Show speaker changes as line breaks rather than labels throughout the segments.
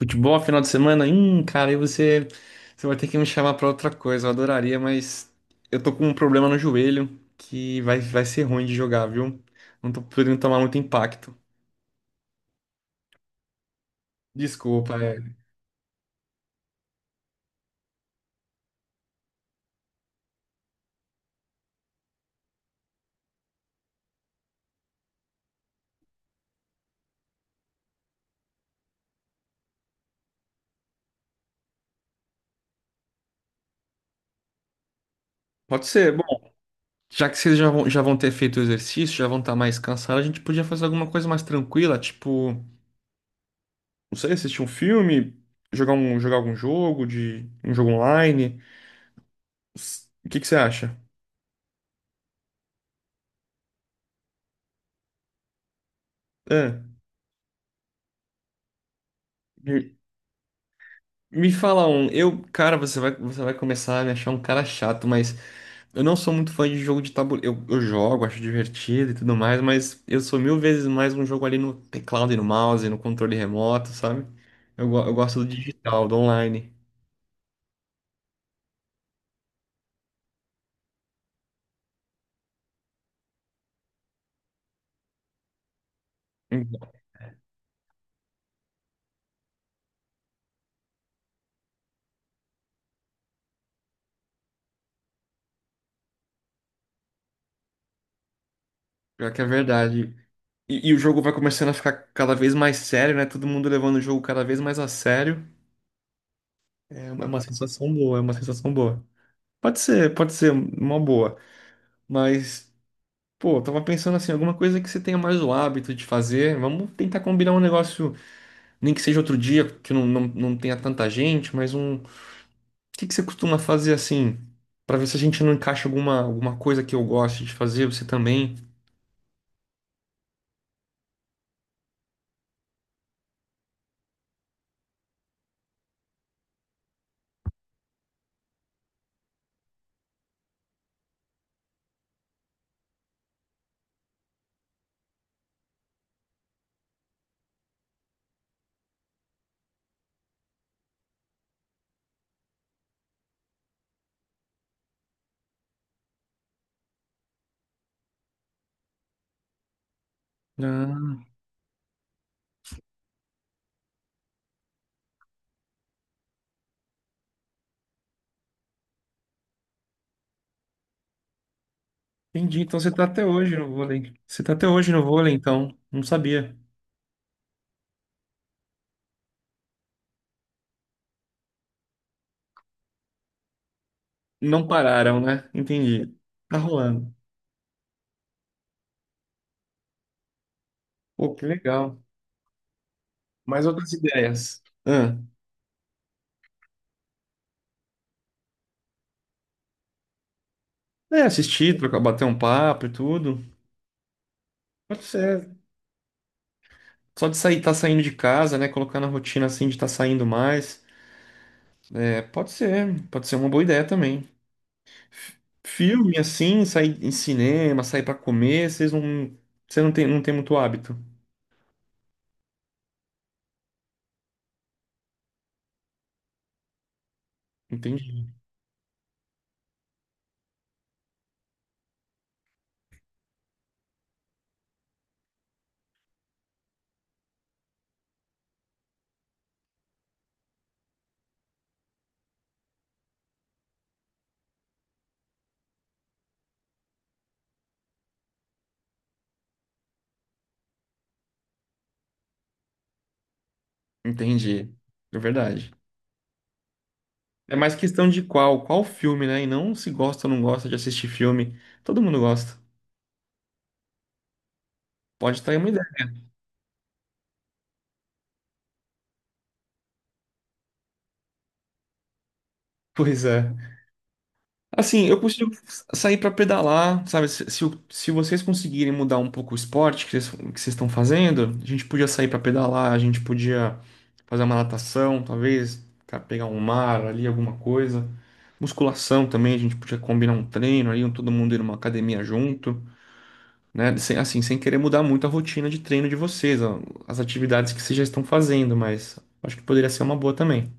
Futebol, final de semana? Cara, você vai ter que me chamar pra outra coisa. Eu adoraria, mas eu tô com um problema no joelho que vai ser ruim de jogar, viu? Não tô podendo tomar muito impacto. Desculpa, é. Pode ser. Bom, já que já vão ter feito o exercício, já vão estar mais cansados, a gente podia fazer alguma coisa mais tranquila, tipo, não sei, assistir um filme, jogar algum jogo de um jogo online. O que que você acha? É. Me fala um, eu, cara, você vai começar a me achar um cara chato, mas eu não sou muito fã de jogo de tabuleiro. Eu jogo, acho divertido e tudo mais, mas eu sou mil vezes mais um jogo ali no teclado e no mouse, no controle remoto, sabe? Eu gosto do digital, do online. Então, pior que é verdade. E o jogo vai começando a ficar cada vez mais sério, né? Todo mundo levando o jogo cada vez mais a sério. É uma sensação boa, é uma sensação boa. Pode ser uma boa, mas. Pô, eu tava pensando assim, alguma coisa que você tenha mais o hábito de fazer. Vamos tentar combinar um negócio, nem que seja outro dia, que não tenha tanta gente, mas um. O que que você costuma fazer assim? Pra ver se a gente não encaixa alguma coisa que eu goste de fazer, você também. Ah, entendi. Então você tá até hoje no vôlei. Você tá até hoje no vôlei, então. Não sabia. Não pararam, né? Entendi. Tá rolando. Pô, que legal. Mais outras ideias. Ah, é, assistir, trocar, bater um papo e tudo. Pode ser. Só de sair, tá saindo de casa, né? Colocar na rotina assim de estar saindo mais. É, pode ser uma boa ideia também. F- filme assim, sair em cinema, sair pra comer, você não tem, não tem muito hábito. Entendi. Entendi. É verdade. É mais questão de qual filme, né? E não se gosta ou não gosta de assistir filme. Todo mundo gosta. Pode estar aí uma ideia. Pois é. Assim, eu consigo sair pra pedalar, sabe? Se vocês conseguirem mudar um pouco o esporte que vocês estão fazendo, a gente podia sair pra pedalar, a gente podia fazer uma natação, talvez, cara, pegar um mar ali, alguma coisa. Musculação também, a gente podia combinar um treino ali, um- todo mundo ir numa academia junto, né? Sem- assim, sem querer mudar muito a rotina de treino de vocês, ó, as atividades que vocês já estão fazendo, mas acho que poderia ser uma boa também.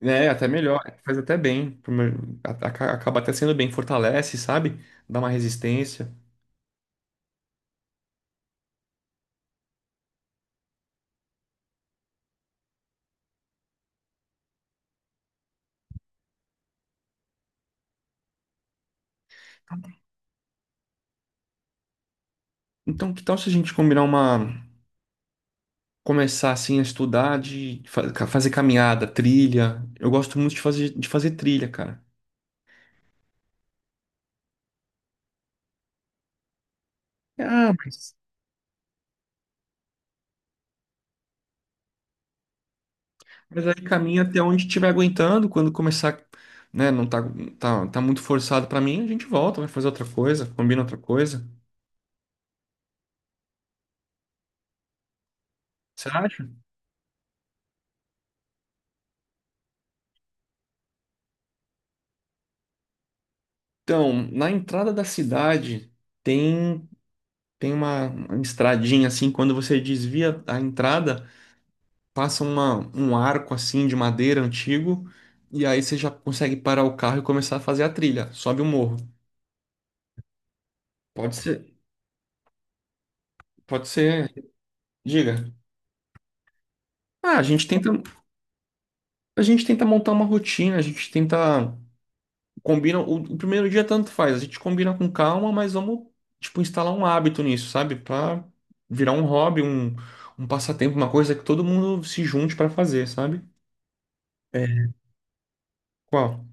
É, até melhor, faz até bem, pro meu- acaba até sendo bem, fortalece, sabe? Dá uma resistência. Então, que tal se a gente combinar uma, começar assim a estudar de fazer caminhada, trilha? Eu gosto muito de de fazer trilha, cara. Ah, mas aí caminha até onde estiver aguentando, quando começar, né, não tá, tá muito forçado pra mim, a gente volta, vai fazer outra coisa, combina outra coisa. Você acha? Então, na entrada da cidade tem tem uma estradinha assim, quando você desvia a entrada, passa um arco assim de madeira antigo, e aí você já consegue parar o carro e começar a fazer a trilha, sobe o morro. Pode ser, pode ser, diga. Ah, a gente tenta montar uma rotina, a gente tenta combina o primeiro dia tanto faz, a gente combina com calma, mas vamos tipo instalar um hábito nisso, sabe? Pra virar um hobby, um passatempo, uma coisa que todo mundo se junte pra fazer, sabe? É. Qual?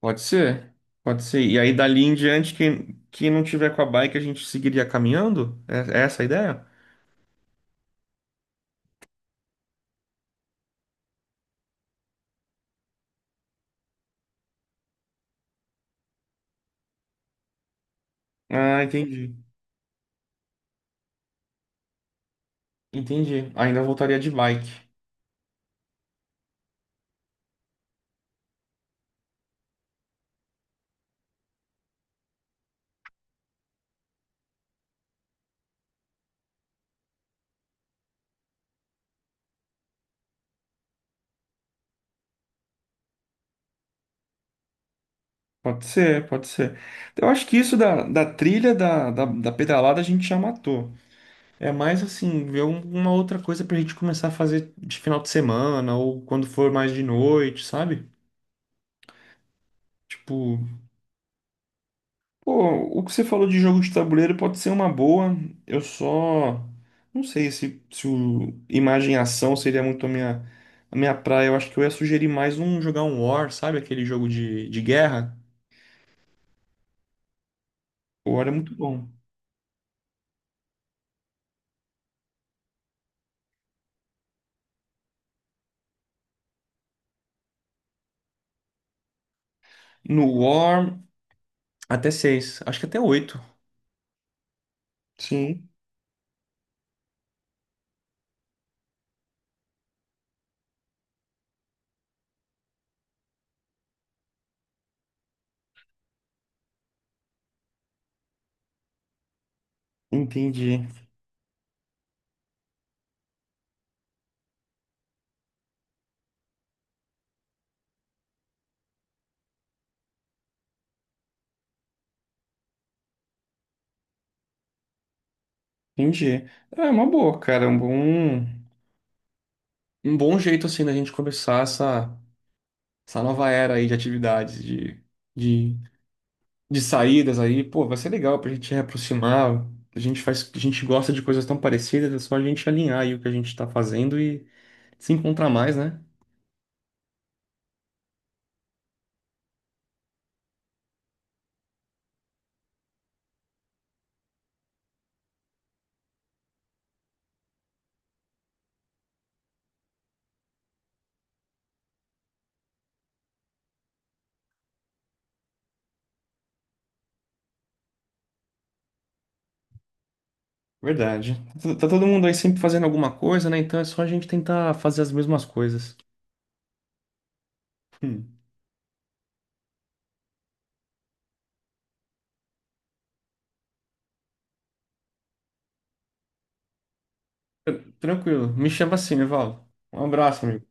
Pode ser, pode ser. E aí, dali em diante, quem não tiver com a bike, a gente seguiria caminhando? É, é essa a ideia? Ah, entendi. Entendi. Ainda voltaria de bike. Pode ser, pode ser. Eu acho que isso da trilha, da pedalada, a gente já matou. É mais assim, ver um- uma outra coisa pra gente começar a fazer de final de semana ou quando for mais de noite, sabe? Tipo, pô, o que você falou de jogo de tabuleiro pode ser uma boa. Eu só não sei se, se o imagem e ação seria muito a minha praia. Eu acho que eu ia sugerir mais um jogar um War, sabe? Aquele jogo de guerra. O War é muito bom. No War, até seis. Acho que até oito. Sim, entendi. Entendi. É uma boa, cara. Um bom jeito assim da gente começar essa, essa nova era aí de atividades, de de saídas aí, pô, vai ser legal pra gente reaproximar. A gente faz, a gente gosta de coisas tão parecidas, é só a gente alinhar aí o que a gente tá fazendo e se encontrar mais, né? Verdade. Tá tá todo mundo aí sempre fazendo alguma coisa, né? Então é só a gente tentar fazer as mesmas coisas. Hum. Tran- tranquilo. Me chama assim, Evaldo. Um abraço, amigo.